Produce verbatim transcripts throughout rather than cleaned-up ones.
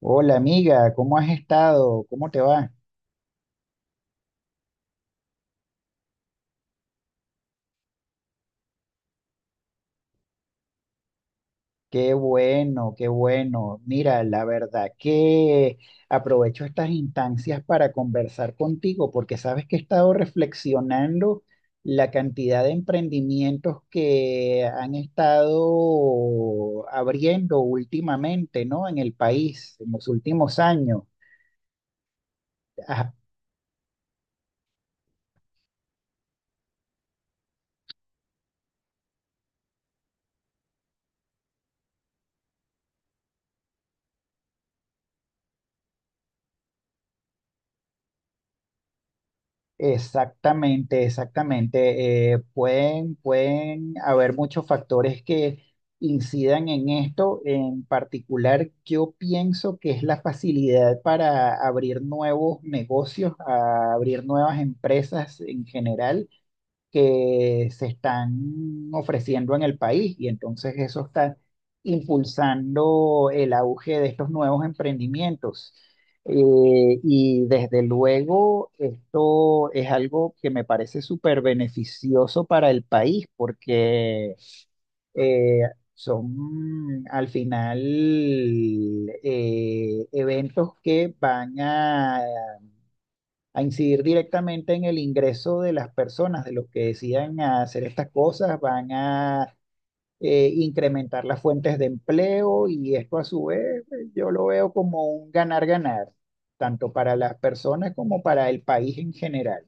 Hola amiga, ¿cómo has estado? ¿Cómo te va? Qué bueno, qué bueno. Mira, la verdad que aprovecho estas instancias para conversar contigo porque sabes que he estado reflexionando la cantidad de emprendimientos que han estado abriendo últimamente, ¿no? En el país, en los últimos años. ¿Has Exactamente, exactamente. Eh, pueden, pueden haber muchos factores que incidan en esto. En particular, yo pienso que es la facilidad para abrir nuevos negocios, a abrir nuevas empresas en general que se están ofreciendo en el país y entonces eso está impulsando el auge de estos nuevos emprendimientos. Eh, y desde luego esto es algo que me parece súper beneficioso para el país porque eh, son al final eh, eventos que van a a incidir directamente en el ingreso de las personas, de los que decidan hacer estas cosas, van a eh, incrementar las fuentes de empleo y esto a su vez eh, yo lo veo como un ganar-ganar, tanto para las personas como para el país en general.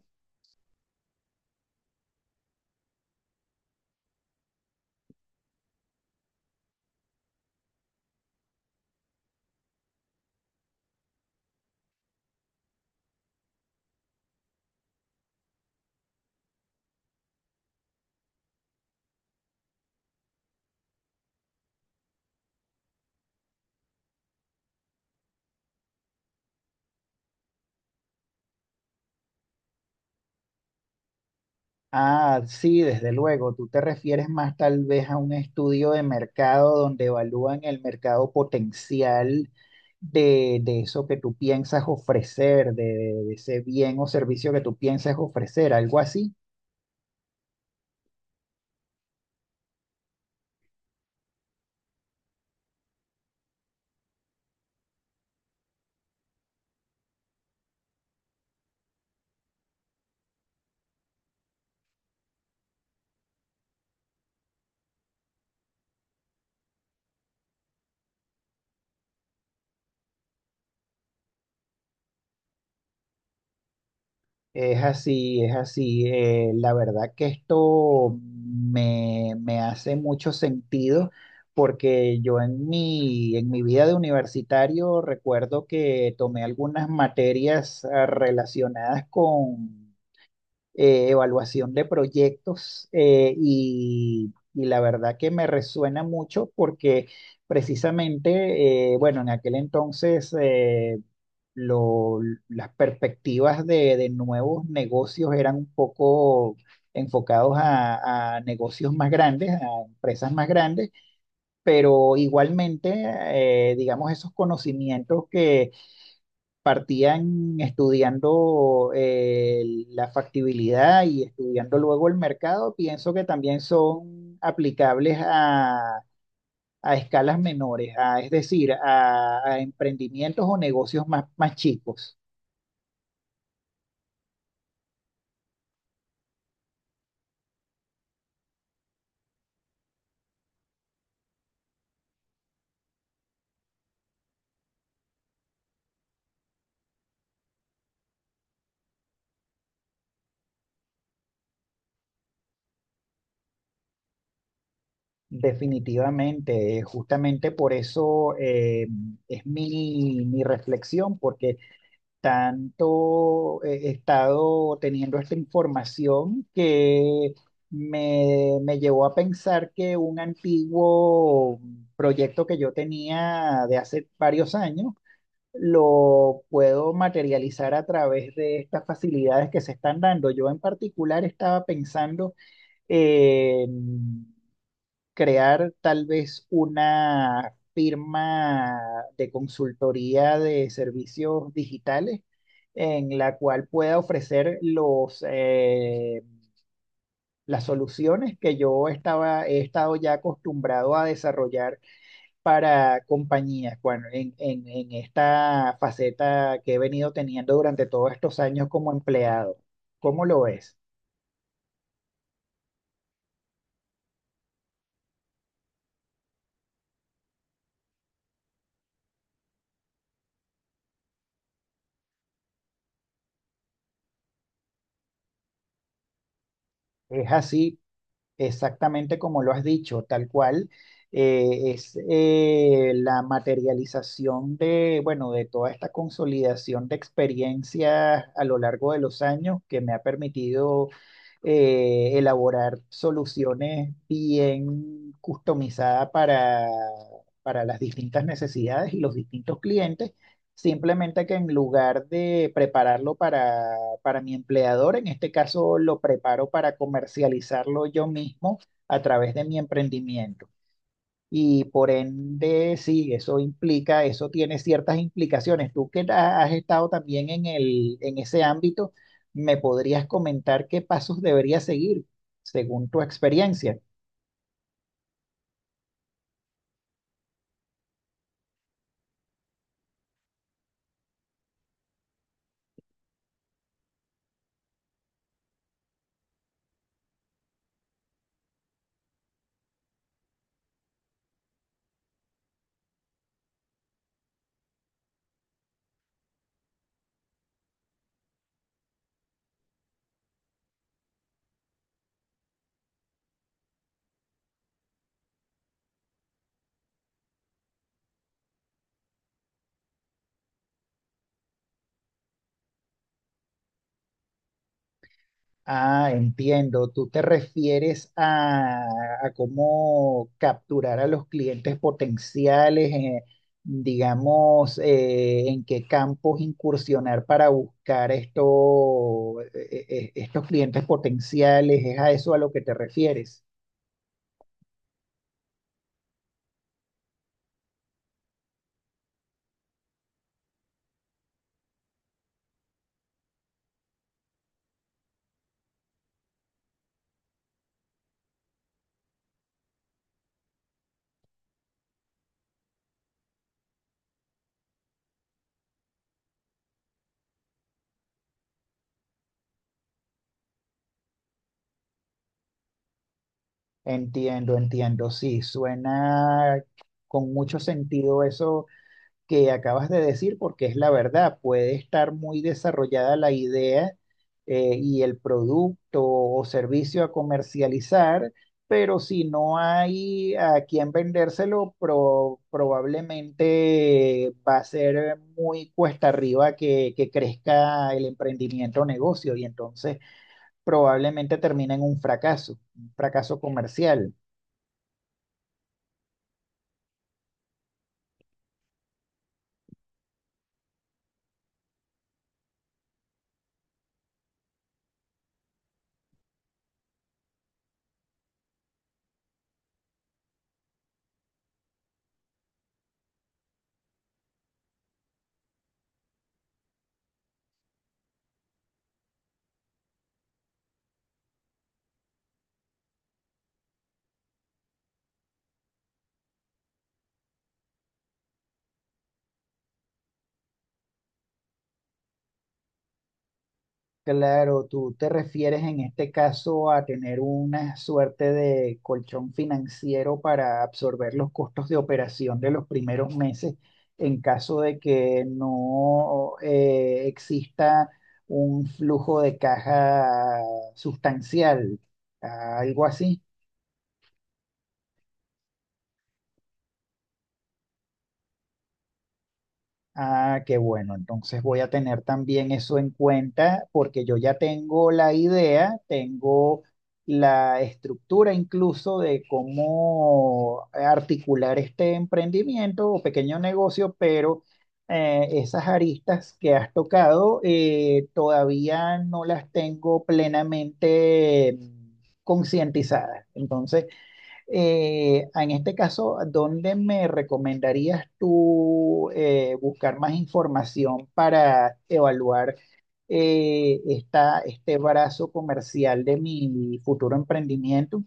Ah, sí, desde luego. Tú te refieres más tal vez a un estudio de mercado donde evalúan el mercado potencial de, de eso que tú piensas ofrecer, de, de ese bien o servicio que tú piensas ofrecer, algo así. Es así, es así. Eh, la verdad que esto me, me hace mucho sentido porque yo en mi, en mi vida de universitario recuerdo que tomé algunas materias ah, relacionadas con eh, evaluación de proyectos eh, y, y la verdad que me resuena mucho porque precisamente, eh, bueno, en aquel entonces... eh, lo- las perspectivas de, de nuevos negocios eran un poco enfocados a, a negocios más grandes, a empresas más grandes, pero igualmente, eh, digamos, esos conocimientos que partían estudiando eh, la factibilidad y estudiando luego el mercado, pienso que también son aplicables a... a escalas menores, a- es decir, a, a emprendimientos o negocios más, más chicos. Definitivamente, eh, justamente por eso eh, es mi, mi reflexión, porque tanto eh, he estado teniendo esta información que me, me llevó a pensar que un antiguo proyecto que yo tenía de hace varios años lo puedo materializar a través de estas facilidades que se están dando. Yo en particular estaba pensando en crear tal vez una firma de consultoría de servicios digitales en la cual pueda ofrecer los, eh, las soluciones que yo estaba, he estado ya acostumbrado a desarrollar para compañías, bueno, en, en, en esta faceta que he venido teniendo durante todos estos años como empleado. ¿Cómo lo ves? ¿Es así Exactamente como lo has dicho, tal cual, eh, es eh, la materialización de, bueno, de toda esta consolidación de experiencias a lo largo de los años que me ha permitido eh, elaborar soluciones bien customizadas para, para las distintas necesidades y los distintos clientes. Simplemente que en lugar de prepararlo para, para mi empleador, en este caso lo preparo para comercializarlo yo mismo a través de mi emprendimiento. Y por ende, sí, eso implica, eso tiene ciertas implicaciones. Tú que ha- has estado también en el, en ese ámbito, ¿me podrías comentar qué pasos debería seguir según tu experiencia? Ah, entiendo. Tú te refieres a, a cómo capturar a los clientes potenciales, eh, digamos, eh, en qué campos incursionar para buscar esto- e- e- estos clientes potenciales. ¿Es a eso a lo que te refieres? Entiendo, entiendo. Sí, suena con mucho sentido eso que acabas de decir porque es la verdad. Puede estar muy desarrollada la idea eh, y el producto o servicio a comercializar, pero si no hay a quien vendérselo, pro- probablemente va a ser muy cuesta arriba que, que crezca el emprendimiento o negocio. Y entonces probablemente termina en un fracaso, un fracaso comercial. Claro, tú te refieres en este caso a tener una suerte de colchón financiero para absorber los costos de operación de los primeros meses en caso de que no eh, exista un flujo de caja sustancial, algo así. Ah, qué bueno. Entonces voy a tener también eso en cuenta porque yo ya tengo la idea, tengo la estructura incluso de cómo eh, articular este emprendimiento o pequeño negocio, pero eh, esas aristas que has tocado eh, todavía no las tengo plenamente mm, concientizadas. Entonces, eh, en este caso, ¿dónde me recomendarías tú eh, buscar más información para evaluar eh, esta, este brazo comercial de mi futuro emprendimiento?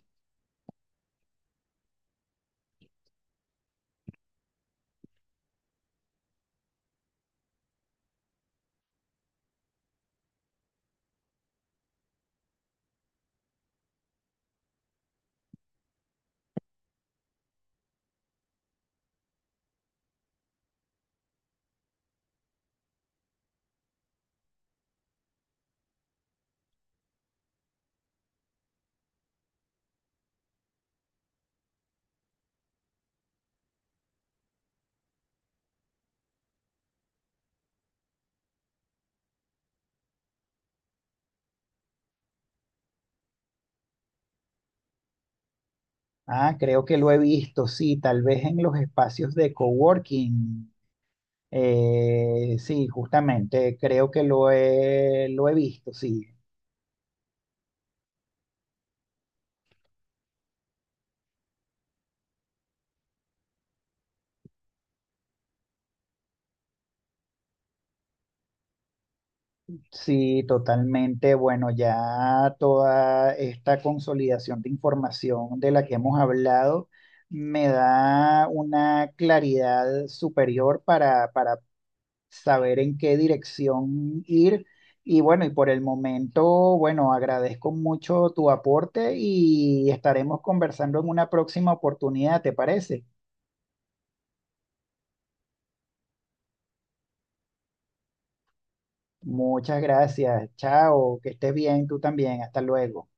Ah, creo que lo he visto, sí, tal vez en los espacios de coworking. Eh, sí, justamente, creo que lo he, lo he visto, sí. Sí, totalmente. Bueno, ya toda esta consolidación de información de la que hemos hablado me da una claridad superior para, para saber en qué dirección ir. Y bueno, y por el momento, bueno, agradezco mucho tu aporte y estaremos conversando en una próxima oportunidad, ¿te parece? Muchas gracias. Chao, que estés bien tú también. Hasta luego.